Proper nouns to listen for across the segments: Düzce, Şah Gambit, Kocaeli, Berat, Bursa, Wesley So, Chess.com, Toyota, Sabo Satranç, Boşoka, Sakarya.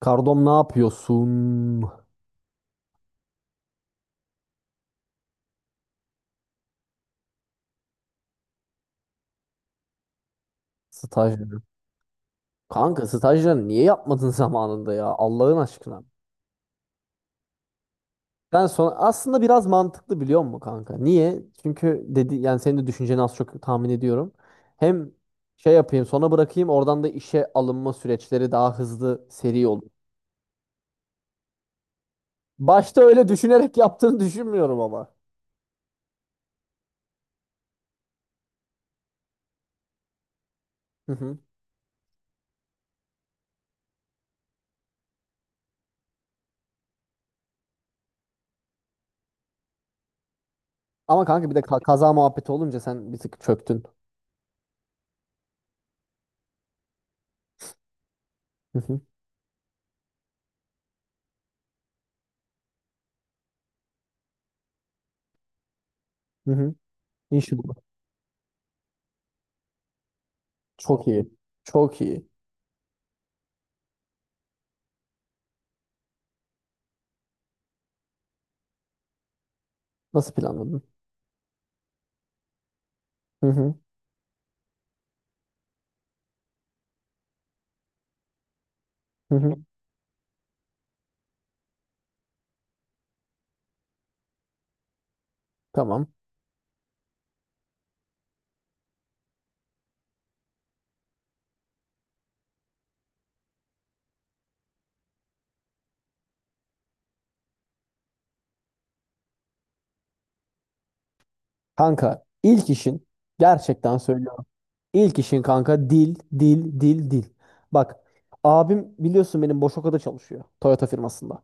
Kardom ne yapıyorsun? Stajyer. Kanka stajyer niye yapmadın zamanında ya Allah'ın aşkına. Ben sonra aslında biraz mantıklı biliyor musun kanka? Niye? Çünkü dedi yani senin de düşünceni az çok tahmin ediyorum. Hem şey yapayım sonra bırakayım oradan da işe alınma süreçleri daha hızlı seri olur. Başta öyle düşünerek yaptığını düşünmüyorum ama. Hı hı. Ama kanka bir de kaza muhabbeti olunca sen bir tık çöktün. Hı hı. Hı hı. İnşallah. Çok iyi. Çok iyi. Nasıl planladın? Hı hı. Hı hı, tamam. Kanka ilk işin gerçekten söylüyorum. İlk işin kanka dil, dil, dil, dil. Bak, abim biliyorsun benim Boşoka'da çalışıyor. Toyota firmasında.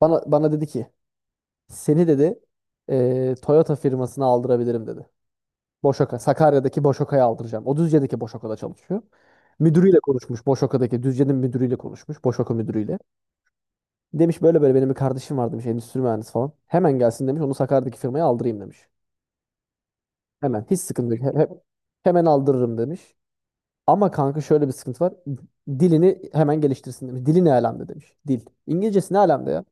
Bana dedi ki seni dedi Toyota firmasına aldırabilirim dedi. Boşoka, Sakarya'daki Boşoka'ya aldıracağım. O Düzce'deki Boşoka'da çalışıyor. Müdürüyle konuşmuş. Boşoka'daki Düzce'nin müdürüyle konuşmuş. Boşoka müdürüyle. Demiş böyle böyle benim bir kardeşim var demiş, endüstri mühendisi falan. Hemen gelsin demiş, onu Sakarya'daki firmaya aldırayım demiş. Hemen hiç sıkıntı yok. Hemen aldırırım demiş. Ama kanka şöyle bir sıkıntı var. Dilini hemen geliştirsin demiş. Dili ne alemde demiş. Dil. İngilizcesi ne alemde ya?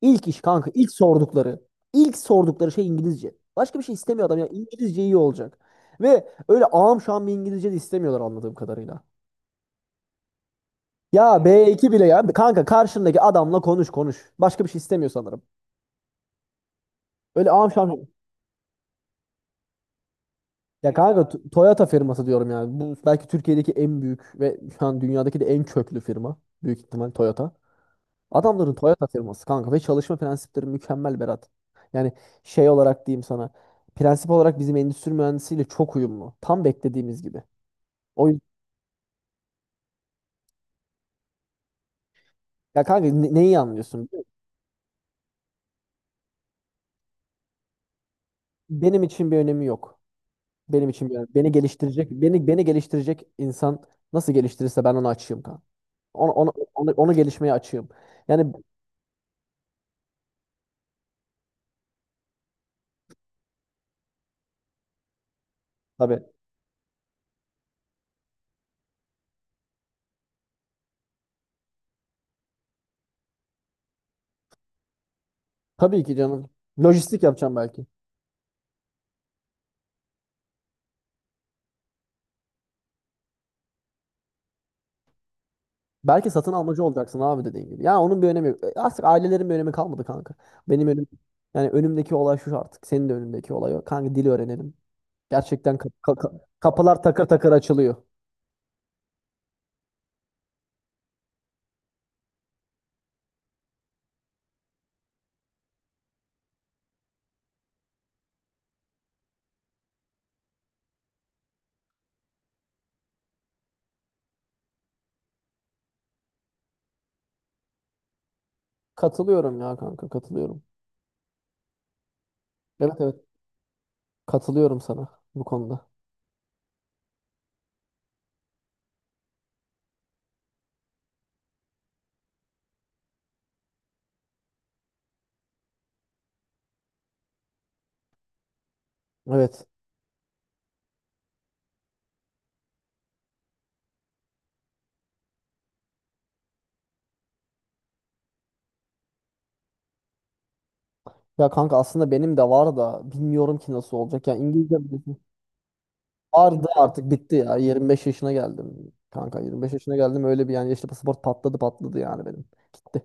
İlk iş kanka ilk sordukları. İlk sordukları şey İngilizce. Başka bir şey istemiyor adam ya. İngilizce iyi olacak. Ve öyle ağam şu an bir İngilizce de istemiyorlar anladığım kadarıyla. Ya B2 bile ya. Kanka karşındaki adamla konuş konuş. Başka bir şey istemiyor sanırım. Öyle ağam şam. Ya kanka Toyota firması diyorum yani. Bu belki Türkiye'deki en büyük ve şu an dünyadaki de en köklü firma. Büyük ihtimal Toyota. Adamların Toyota firması kanka ve çalışma prensipleri mükemmel Berat. Yani şey olarak diyeyim sana. Prensip olarak bizim endüstri mühendisiyle çok uyumlu. Tam beklediğimiz gibi. O yüzden ya kanka neyi anlıyorsun? Benim için bir önemi yok. Benim için bir önemi. Beni geliştirecek, beni geliştirecek insan nasıl geliştirirse ben onu açığım kanka. Onu gelişmeye açığım. Yani tabii, tabii ki canım. Lojistik yapacağım belki. Belki satın almacı olacaksın abi dediğin gibi. Ya onun bir önemi yok. Artık ailelerin bir önemi kalmadı kanka. Benim önüm, yani önümdeki olay şu artık. Senin de önündeki olay o. Kanka dil öğrenelim. Gerçekten kapılar takır takır açılıyor. Katılıyorum ya kanka, katılıyorum. Evet evet, katılıyorum sana bu konuda. Evet. Ya kanka aslında benim de var da bilmiyorum ki nasıl olacak. Ya İngilizce vardı artık bitti ya. 25 yaşına geldim. Kanka 25 yaşına geldim, öyle bir yani yaşlı pasaport patladı patladı yani benim. Gitti.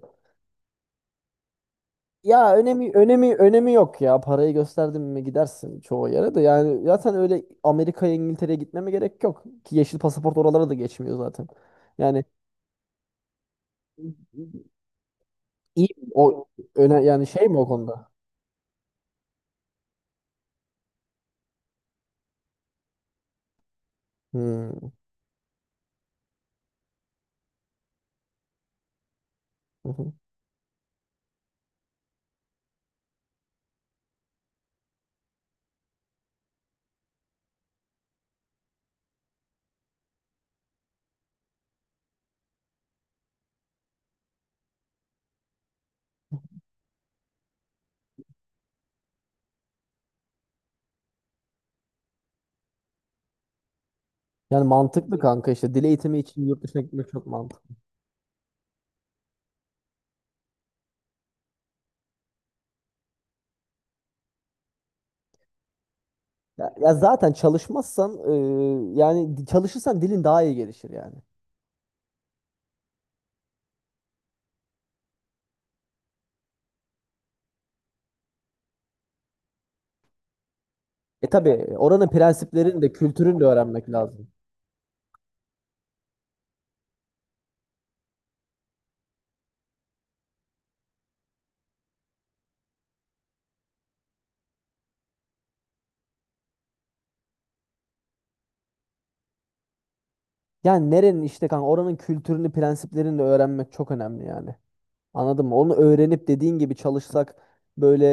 Ya önemi yok ya. Parayı gösterdim mi gidersin çoğu yere de. Yani zaten öyle Amerika'ya İngiltere'ye gitmeme gerek yok. Ki yeşil pasaport oralara da geçmiyor zaten. Yani iyi o öne yani şey mi o konuda? Hmm. Hı hı. Yani mantıklı kanka, işte dil eğitimi için yurt dışına gitmek çok mantıklı. Ya, ya zaten çalışmazsan yani çalışırsan dilin daha iyi gelişir yani. E tabii, oranın prensiplerini de kültürünü de öğrenmek lazım. Yani nerenin işte kanka oranın kültürünü prensiplerini de öğrenmek çok önemli yani. Anladın mı? Onu öğrenip dediğin gibi çalışsak böyle,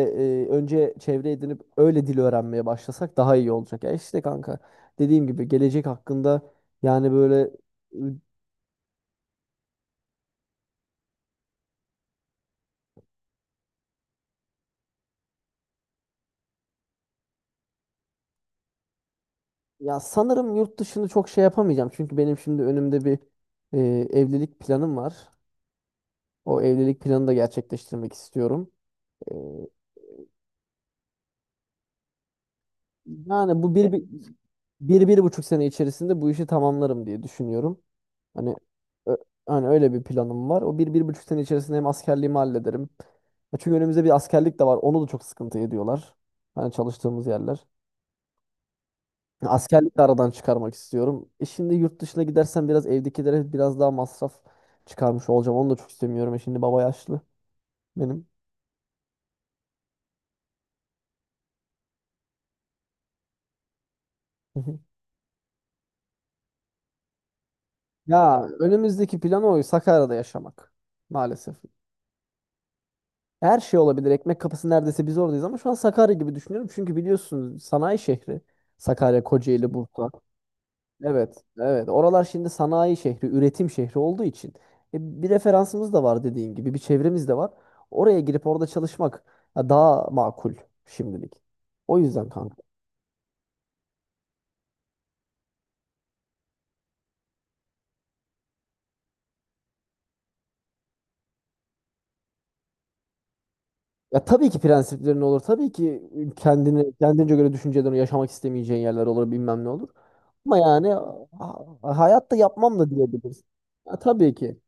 önce çevre edinip öyle dil öğrenmeye başlasak daha iyi olacak. Ya işte kanka dediğim gibi gelecek hakkında yani böyle, e, ya sanırım yurt dışını çok şey yapamayacağım. Çünkü benim şimdi önümde bir, e, evlilik planım var. O evlilik planını da gerçekleştirmek istiyorum. E, Yani bu bir buçuk sene içerisinde bu işi tamamlarım diye düşünüyorum. Hani ö- hani öyle bir planım var. O bir, bir buçuk sene içerisinde hem askerliğimi hallederim. Ya çünkü önümüzde bir askerlik de var. Onu da çok sıkıntı ediyorlar. Hani çalıştığımız yerler. Ya askerlik de aradan çıkarmak istiyorum. E şimdi yurt dışına gidersem biraz evdekilere biraz daha masraf çıkarmış olacağım. Onu da çok istemiyorum. E şimdi baba yaşlı benim. Hı hı. Ya önümüzdeki plan o. Sakarya'da yaşamak. Maalesef. Her şey olabilir. Ekmek kapısı neredeyse biz oradayız ama şu an Sakarya gibi düşünüyorum. Çünkü biliyorsunuz sanayi şehri. Sakarya, Kocaeli, Bursa. Evet, evet. Oralar şimdi sanayi şehri, üretim şehri olduğu için. Bir referansımız da var dediğin gibi. Bir çevremiz de var. Oraya girip orada çalışmak ya, daha makul şimdilik. O yüzden kanka. Ya tabii ki prensiplerin olur. Tabii ki kendini kendince göre düşüncelerini yaşamak istemeyeceğin yerler olur, bilmem ne olur. Ama yani hayatta yapmam da diyebiliriz. Ya, tabii ki.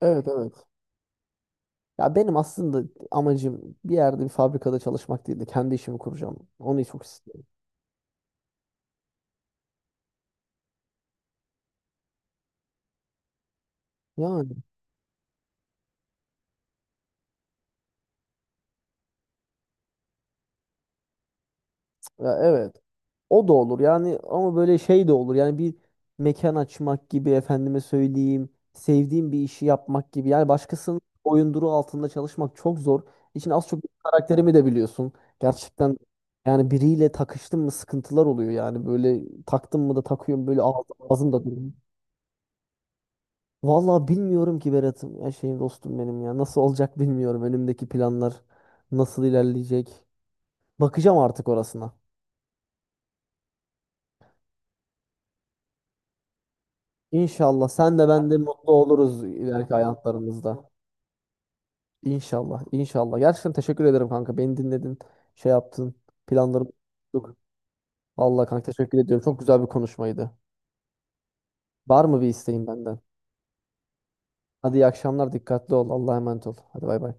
Evet, evet. Ya benim aslında amacım bir yerde bir fabrikada çalışmak değil de kendi işimi kuracağım. Onu çok istiyorum. Yani ya evet, o da olur yani ama böyle şey de olur yani bir mekan açmak gibi, efendime söyleyeyim, sevdiğim bir işi yapmak gibi, yani başkasının boyunduruğu altında çalışmak çok zor. İçin az çok karakterimi de biliyorsun. Gerçekten yani biriyle takıştım mı sıkıntılar oluyor, yani böyle taktım mı da takıyorum, böyle ağzım, ağzım da duruyor. Vallahi bilmiyorum ki Berat'ım. Ya şey dostum benim ya. Nasıl olacak bilmiyorum. Önümdeki planlar nasıl ilerleyecek. Bakacağım artık orasına. İnşallah sen de ben de mutlu oluruz ileriki hayatlarımızda. İnşallah, inşallah. Gerçekten teşekkür ederim kanka. Beni dinledin, şey yaptın, planlarımı tuttuk. Allah kanka, teşekkür ediyorum. Çok güzel bir konuşmaydı. Var mı bir isteğin benden? Hadi iyi akşamlar, dikkatli ol. Allah'a emanet ol. Hadi bay bay.